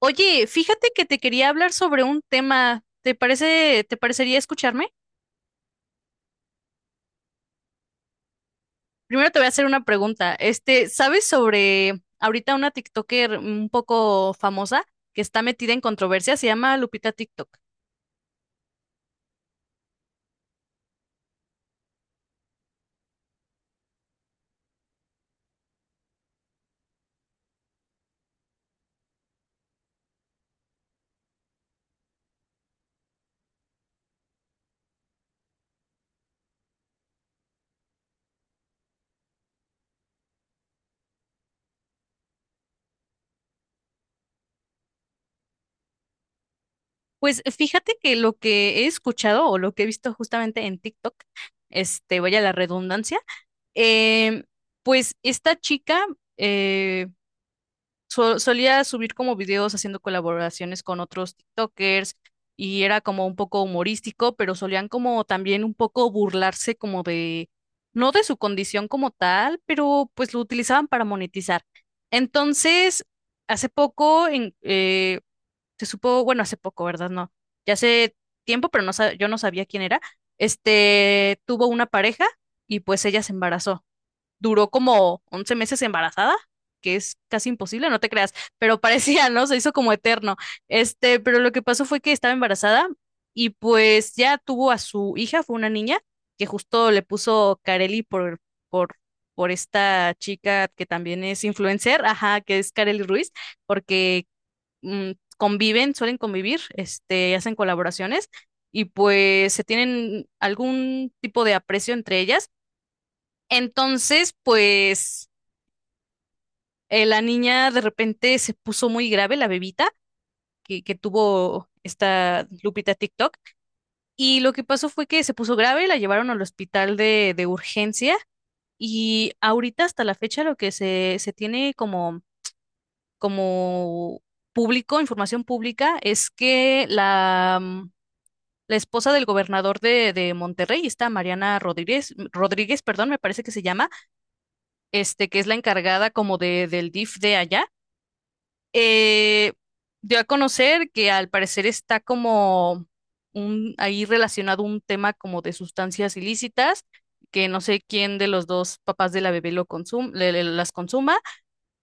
Oye, fíjate que te quería hablar sobre un tema. ¿Te parece, te parecería escucharme? Primero te voy a hacer una pregunta. Este, ¿sabes sobre ahorita una TikToker un poco famosa que está metida en controversia? Se llama Lupita TikTok. Pues fíjate que lo que he escuchado o lo que he visto justamente en TikTok, este, vaya la redundancia, em, pues esta chica eh, solía subir como videos haciendo colaboraciones con otros TikTokers y era como un poco humorístico, pero solían como también un poco burlarse como de, no de su condición como tal, pero pues lo utilizaban para monetizar. Entonces, hace poco se supo, bueno, hace poco, ¿verdad? No, ya hace tiempo, pero no, yo no sabía quién era. Este tuvo una pareja y pues ella se embarazó, duró como 11 meses embarazada, que es casi imposible, no te creas, pero parecía, ¿no? Se hizo como eterno. Este, pero lo que pasó fue que estaba embarazada y pues ya tuvo a su hija, fue una niña, que justo le puso Carelli por, por esta chica que también es influencer, ajá, que es Carelli Ruiz, porque mm, conviven, suelen convivir, este, hacen colaboraciones. Y pues se tienen algún tipo de aprecio entre ellas. Entonces, pues la niña de repente se puso muy grave, la bebita que tuvo esta Lupita TikTok. Y lo que pasó fue que se puso grave, la llevaron al hospital de urgencia, y ahorita hasta la fecha lo que se tiene como, como público, información pública, es que la, la esposa del gobernador de Monterrey, esta Mariana Rodríguez, Rodríguez, perdón, me parece que se llama, este, que es la encargada como de, del DIF de allá, eh, dio a conocer que al parecer está como un, ahí relacionado un tema como de sustancias ilícitas, que no sé quién de los dos papás de la bebé lo las consuma,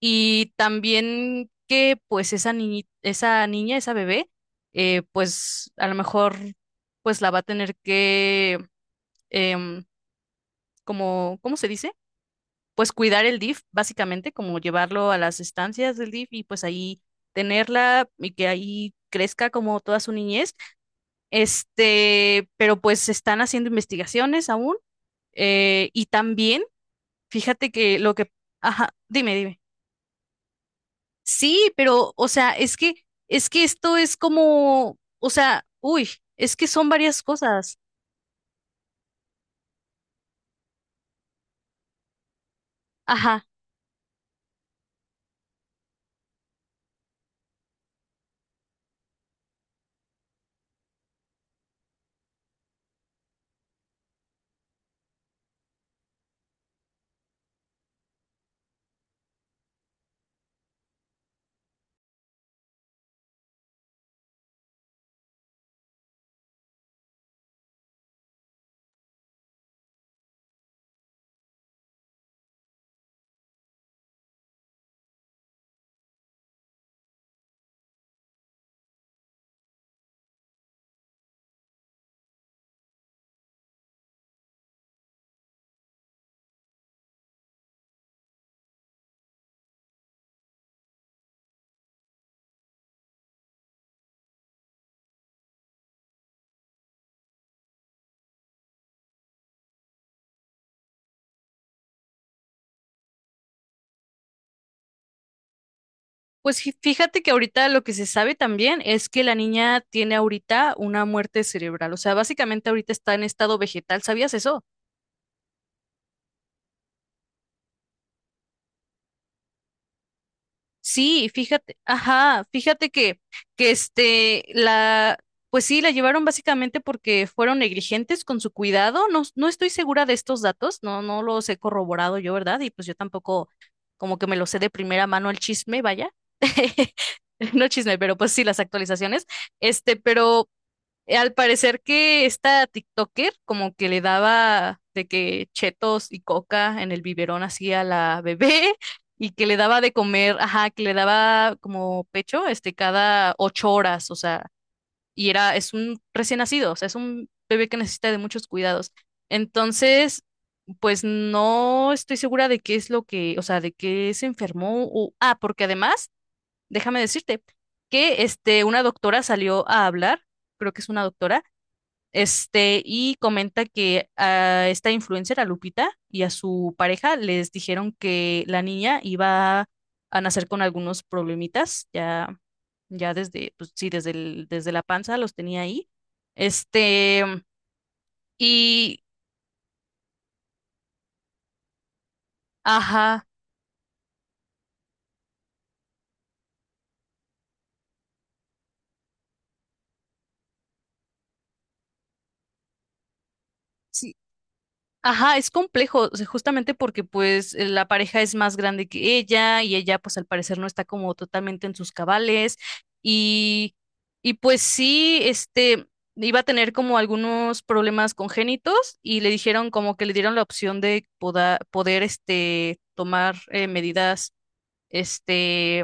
y también que pues esa esa niña, esa bebé, pues a lo mejor pues la va a tener que, em, como, ¿cómo se dice? Pues cuidar el DIF, básicamente, como llevarlo a las estancias del DIF y pues ahí tenerla y que ahí crezca como toda su niñez. Este, pero pues se están haciendo investigaciones aún. Y también, fíjate que lo que, ajá, dime, dime. Sí, pero, o sea, es que esto es como, o sea, uy, es que son varias cosas. Ajá. Pues fíjate que ahorita lo que se sabe también es que la niña tiene ahorita una muerte cerebral, o sea, básicamente ahorita está en estado vegetal, ¿sabías eso? Sí, fíjate, ajá, fíjate que este, la, pues sí, la llevaron básicamente porque fueron negligentes con su cuidado, no, no estoy segura de estos datos, no, no los he corroborado yo, ¿verdad? Y pues yo tampoco como que me lo sé de primera mano el chisme, vaya. No chisme, pero pues sí, las actualizaciones. Este, pero al parecer que esta TikToker como que le daba de que chetos y coca en el biberón así a la bebé y que le daba de comer, ajá, que le daba como pecho, este, cada ocho horas, o sea, y era, es un recién nacido, o sea, es un bebé que necesita de muchos cuidados. Entonces, pues no estoy segura de qué es lo que, o sea, de qué se enfermó o, ah, porque además, déjame decirte que este, una doctora salió a hablar, creo que es una doctora, este, y comenta que a esta influencer, a Lupita, y a su pareja les dijeron que la niña iba a nacer con algunos problemitas, ya, ya desde, pues sí, desde la panza los tenía ahí. Este, y, ajá. Sí, ajá, es complejo, o sea, justamente porque pues la pareja es más grande que ella y ella pues al parecer no está como totalmente en sus cabales y, y pues sí, este, iba a tener como algunos problemas congénitos y le dijeron como que le dieron la opción de poder, este, tomar medidas, este,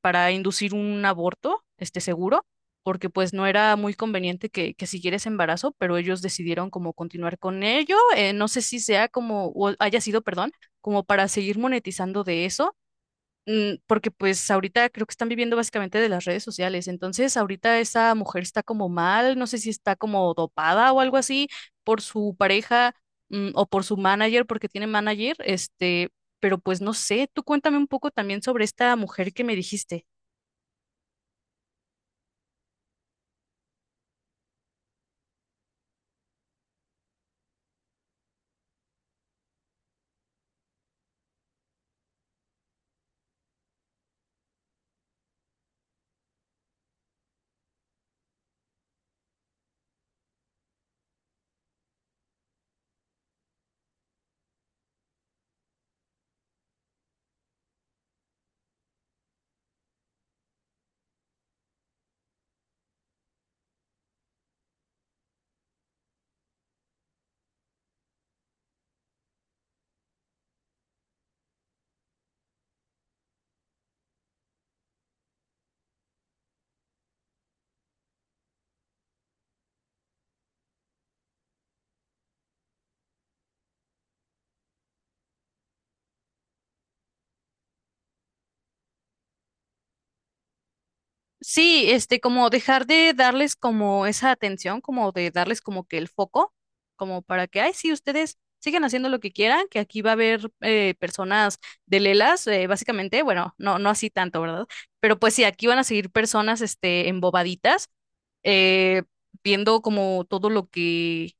para inducir un aborto, este seguro, porque pues no era muy conveniente que siguiera ese embarazo, pero ellos decidieron como continuar con ello. No sé si sea como, o haya sido, perdón, como para seguir monetizando de eso. Porque pues ahorita creo que están viviendo básicamente de las redes sociales, entonces ahorita esa mujer está como mal, no sé si está como dopada o algo así por su pareja, o por su manager, porque tiene manager, este, pero pues no sé, tú cuéntame un poco también sobre esta mujer que me dijiste. Sí, este, como dejar de darles como esa atención, como de darles como que el foco, como para que, ay, sí, ustedes sigan haciendo lo que quieran, que aquí va a haber personas de lelas, básicamente, bueno, no, no así tanto, ¿verdad? Pero pues sí, aquí van a seguir personas, este, embobaditas, eh, viendo como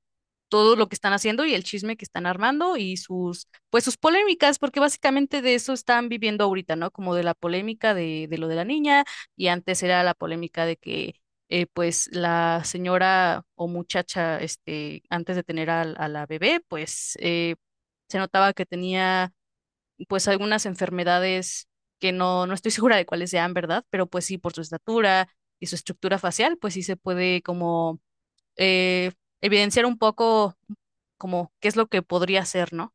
todo lo que están haciendo y el chisme que están armando y sus, pues sus polémicas, porque básicamente de eso están viviendo ahorita, ¿no? Como de la polémica de lo de la niña, y antes era la polémica de que pues la señora o muchacha, este, antes de tener a la bebé, pues se notaba que tenía pues algunas enfermedades que no, no estoy segura de cuáles sean, ¿verdad? Pero pues sí, por su estatura y su estructura facial, pues sí se puede como eh, evidenciar un poco como qué es lo que podría hacer, ¿no?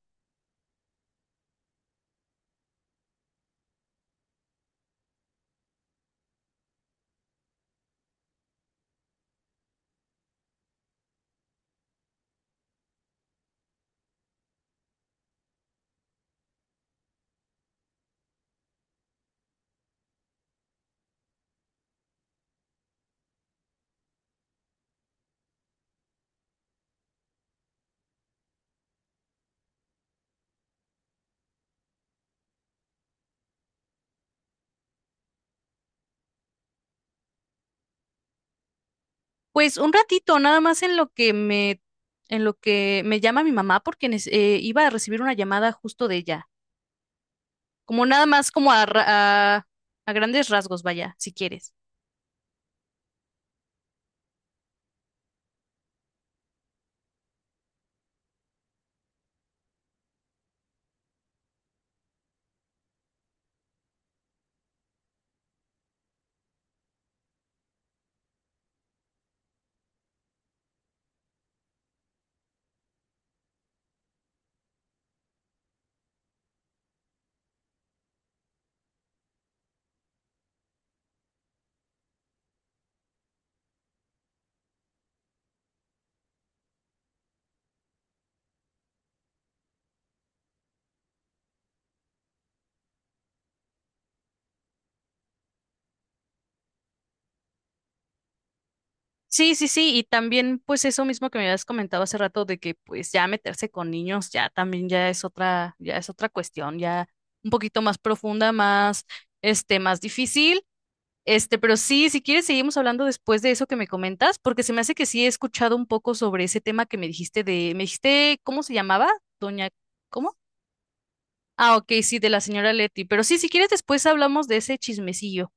Pues un ratito, nada más en lo que me, en lo que me llama mi mamá, porque iba a recibir una llamada justo de ella. Como nada más como a grandes rasgos, vaya, si quieres. Sí, sí, sí, y también pues eso mismo que me habías comentado hace rato de que pues ya meterse con niños ya también ya es otra cuestión, ya un poquito más profunda, más, este, más difícil. Este, pero sí, si quieres, seguimos hablando después de eso que me comentas, porque se me hace que sí he escuchado un poco sobre ese tema que me dijiste de, me dijiste, ¿cómo se llamaba? Doña, ¿cómo? Ah, ok, sí, de la señora Leti. Pero sí, si quieres, después hablamos de ese chismecillo.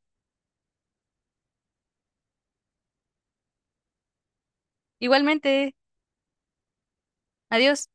Igualmente, adiós.